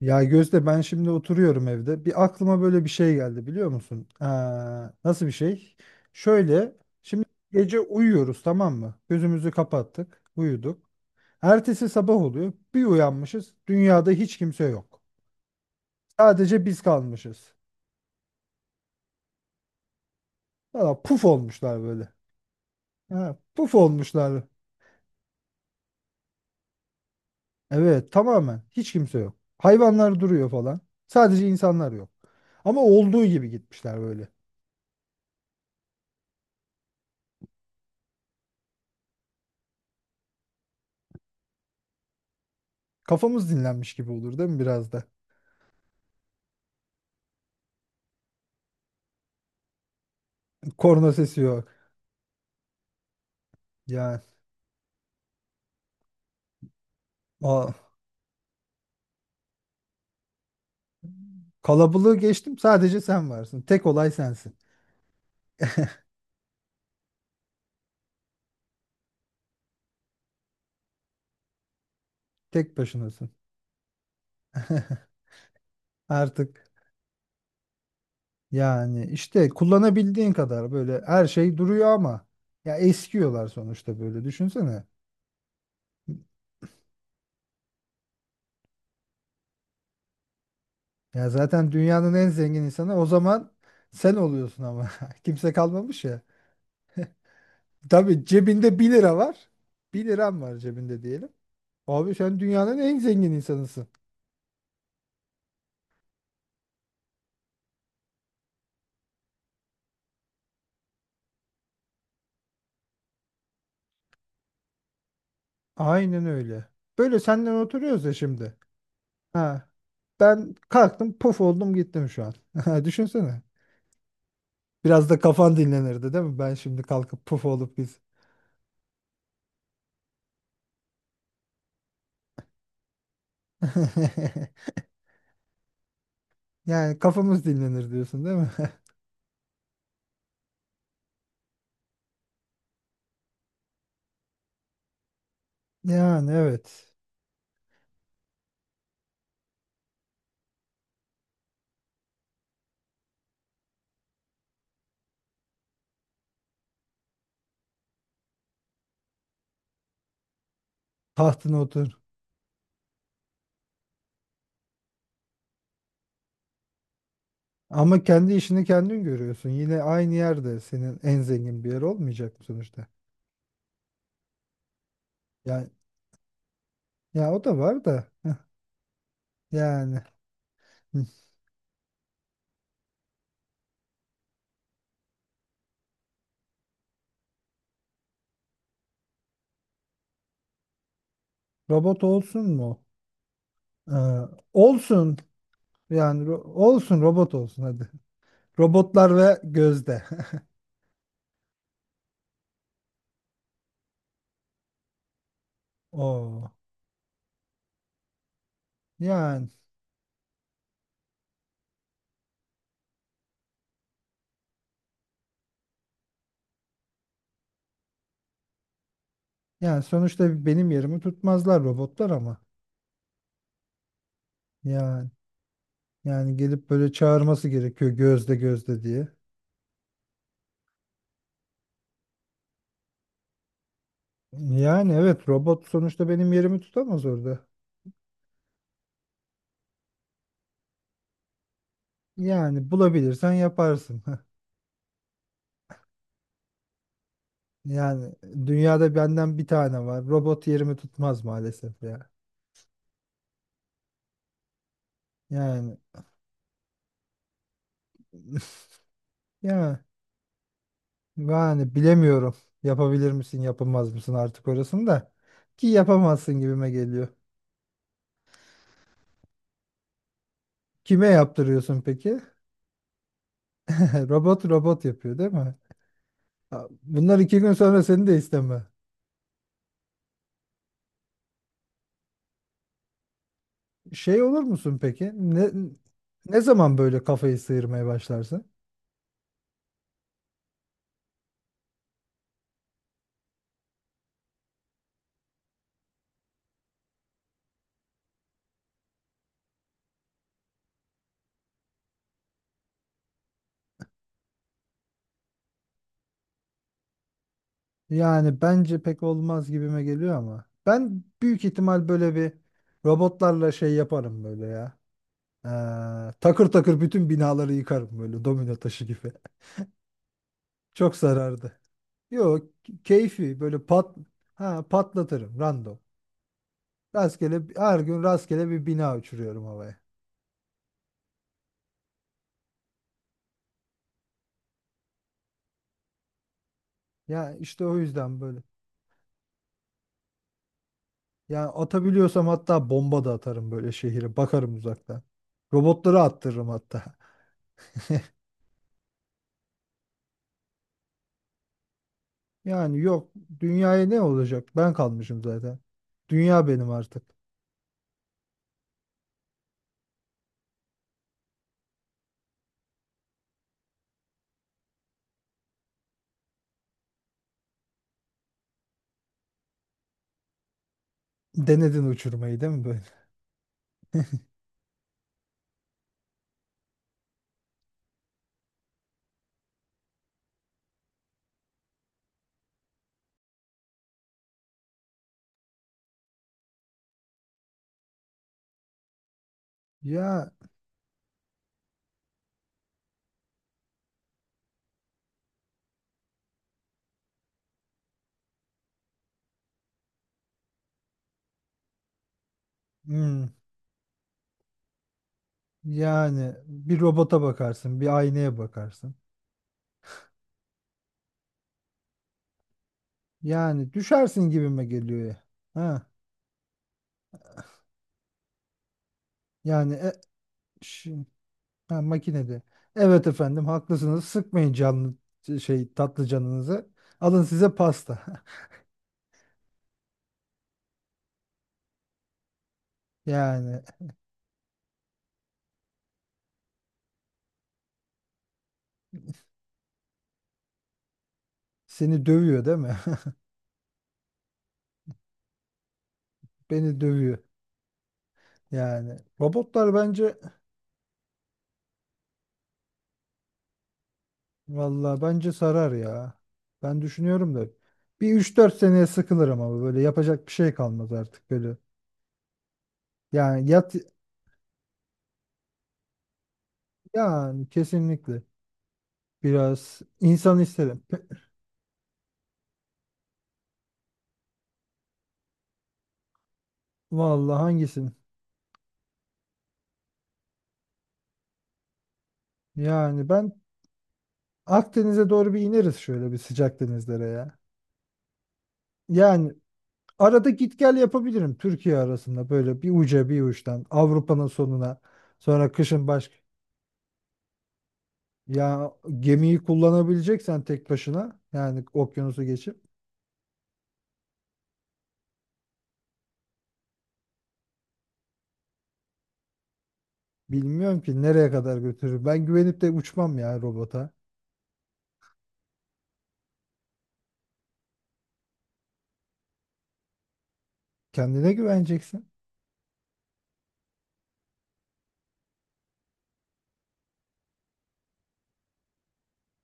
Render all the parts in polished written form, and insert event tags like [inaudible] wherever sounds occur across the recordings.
Ya Gözde ben şimdi oturuyorum evde. Bir aklıma böyle bir şey geldi biliyor musun? Nasıl bir şey? Şöyle şimdi gece uyuyoruz tamam mı? Gözümüzü kapattık, uyuduk. Ertesi sabah oluyor. Bir uyanmışız. Dünyada hiç kimse yok. Sadece biz kalmışız. Valla puf olmuşlar böyle. Ha, puf olmuşlar. Evet tamamen hiç kimse yok. Hayvanlar duruyor falan. Sadece insanlar yok. Ama olduğu gibi gitmişler böyle. Kafamız dinlenmiş gibi olur değil mi biraz da? Korna sesi yok. Yani o kalabalığı geçtim, sadece sen varsın. Tek olay sensin. Tek başınasın. [laughs] Artık yani işte kullanabildiğin kadar böyle her şey duruyor ama ya eskiyorlar sonuçta, böyle düşünsene. Ya zaten dünyanın en zengin insanı o zaman sen oluyorsun ama [laughs] kimse kalmamış ya. Tabii cebinde bir lira var. Bir liram var cebinde diyelim. Abi sen dünyanın en zengin insanısın. Aynen öyle. Böyle senden oturuyoruz ya şimdi. Ha. Ben kalktım puf oldum gittim şu an. [laughs] Düşünsene. Biraz da kafan dinlenirdi değil mi? Ben şimdi kalkıp puf olup git. [laughs] Yani kafamız dinlenir diyorsun değil mi? [laughs] Yani evet. Tahtına otur. Ama kendi işini kendin görüyorsun. Yine aynı yerde senin en zengin bir yer olmayacak mı sonuçta? Yani ya o da var da. [laughs] Yani hı. Robot olsun mu? Ee, Olsun. Yani olsun, robot olsun hadi. Robotlar ve gözde. [laughs] Oo. Yani Yani sonuçta benim yerimi tutmazlar robotlar ama. Yani Yani gelip böyle çağırması gerekiyor, gözde gözde diye. Yani evet, robot sonuçta benim yerimi tutamaz orada. Yani bulabilirsen yaparsın. [laughs] Yani dünyada benden bir tane var. Robot yerimi tutmaz maalesef ya. Yani [laughs] ya yani bilemiyorum. Yapabilir misin, yapamaz mısın artık orasını da. Ki yapamazsın gibime geliyor. Kime yaptırıyorsun peki? [laughs] Robot robot yapıyor değil mi? Ha, bunlar iki gün sonra seni de isteme. Şey olur musun peki? Ne zaman böyle kafayı sıyırmaya başlarsın? Yani bence pek olmaz gibime geliyor ama. Ben büyük ihtimal böyle bir robotlarla şey yaparım böyle ya. Ee, Takır takır bütün binaları yıkarım böyle domino taşı gibi. [laughs] Çok zarardı. Yok, keyfi böyle pat ha patlatırım random. Rastgele her gün rastgele bir bina uçuruyorum havaya. Ya işte o yüzden böyle. Yani atabiliyorsam hatta bomba da atarım böyle şehire. Bakarım uzaktan. Robotları attırırım hatta. Yani yok, dünyaya ne olacak? Ben kalmışım zaten. Dünya benim artık. Denedin uçurmayı değil mi böyle? Ya hmm, yani bir robota bakarsın, bir aynaya bakarsın. Yani düşersin gibime geliyor ya. Ha, yani şi- ha, makinede. Evet efendim, haklısınız. Sıkmayın canlı şey tatlı canınızı. Alın size pasta. [laughs] Yani seni dövüyor değil mi? [laughs] Beni dövüyor. Yani robotlar bence valla bence sarar ya. Ben düşünüyorum da bir üç dört seneye sıkılırım ama böyle yapacak bir şey kalmaz artık böyle. Yani yani kesinlikle biraz insan isterim. Valla hangisini? Yani ben Akdeniz'e doğru bir ineriz şöyle, bir sıcak denizlere ya. Yani arada git gel yapabilirim Türkiye arasında, böyle bir uca bir uçtan Avrupa'nın sonuna, sonra kışın başka. Ya gemiyi kullanabileceksen tek başına yani, okyanusu geçip bilmiyorum ki nereye kadar götürür. Ben güvenip de uçmam ya robota. Kendine güveneceksin.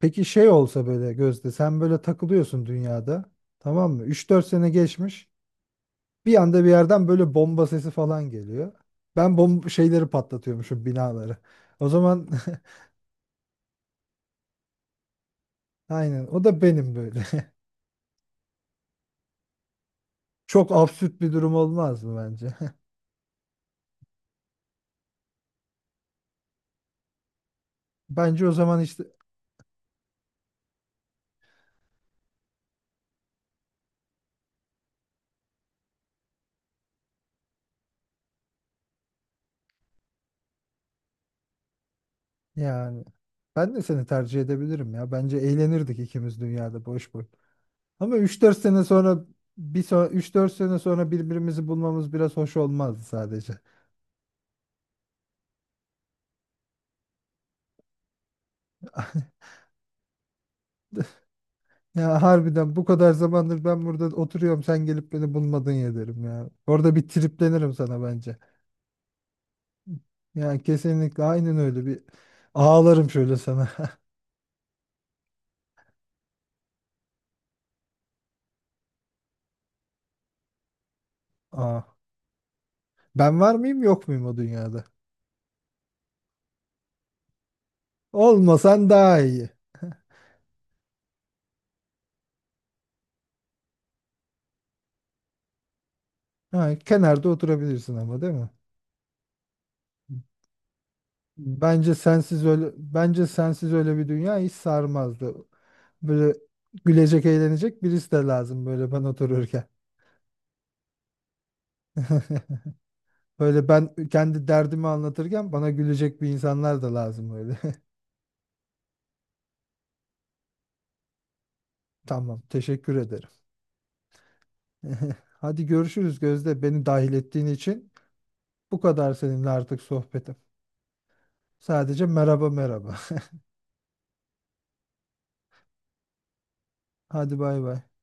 Peki şey olsa böyle Gözde, sen böyle takılıyorsun dünyada tamam mı? Üç dört sene geçmiş, bir anda bir yerden böyle bomba sesi falan geliyor. Ben şeyleri patlatıyormuşum, binaları. O zaman [laughs] aynen o da benim böyle. [laughs] Çok absürt bir durum olmaz mı bence? [laughs] Bence o zaman hiç. Yani ben de seni tercih edebilirim ya. Bence eğlenirdik ikimiz dünyada boş boş. Ama üç dört sene sonra bir son, 3-4 sene sonra birbirimizi bulmamız biraz hoş olmazdı sadece. [laughs] Ya harbiden bu kadar zamandır ben burada oturuyorum, sen gelip beni bulmadın ya derim ya. Orada bir triplenirim sana bence. Yani kesinlikle aynen öyle bir ağlarım şöyle sana. [laughs] Aa, ben var mıyım yok muyum o dünyada? Olmasan daha iyi. Ha, kenarda oturabilirsin ama değil mi? Bence sensiz öyle bir dünya hiç sarmazdı. Böyle gülecek, eğlenecek birisi de lazım böyle ben otururken. [laughs] Böyle ben kendi derdimi anlatırken bana gülecek bir insanlar da lazım öyle. [laughs] Tamam, teşekkür ederim. [laughs] Hadi görüşürüz Gözde. Beni dahil ettiğin için bu kadar seninle artık sohbetim. Sadece merhaba merhaba. [laughs] Hadi bay bay.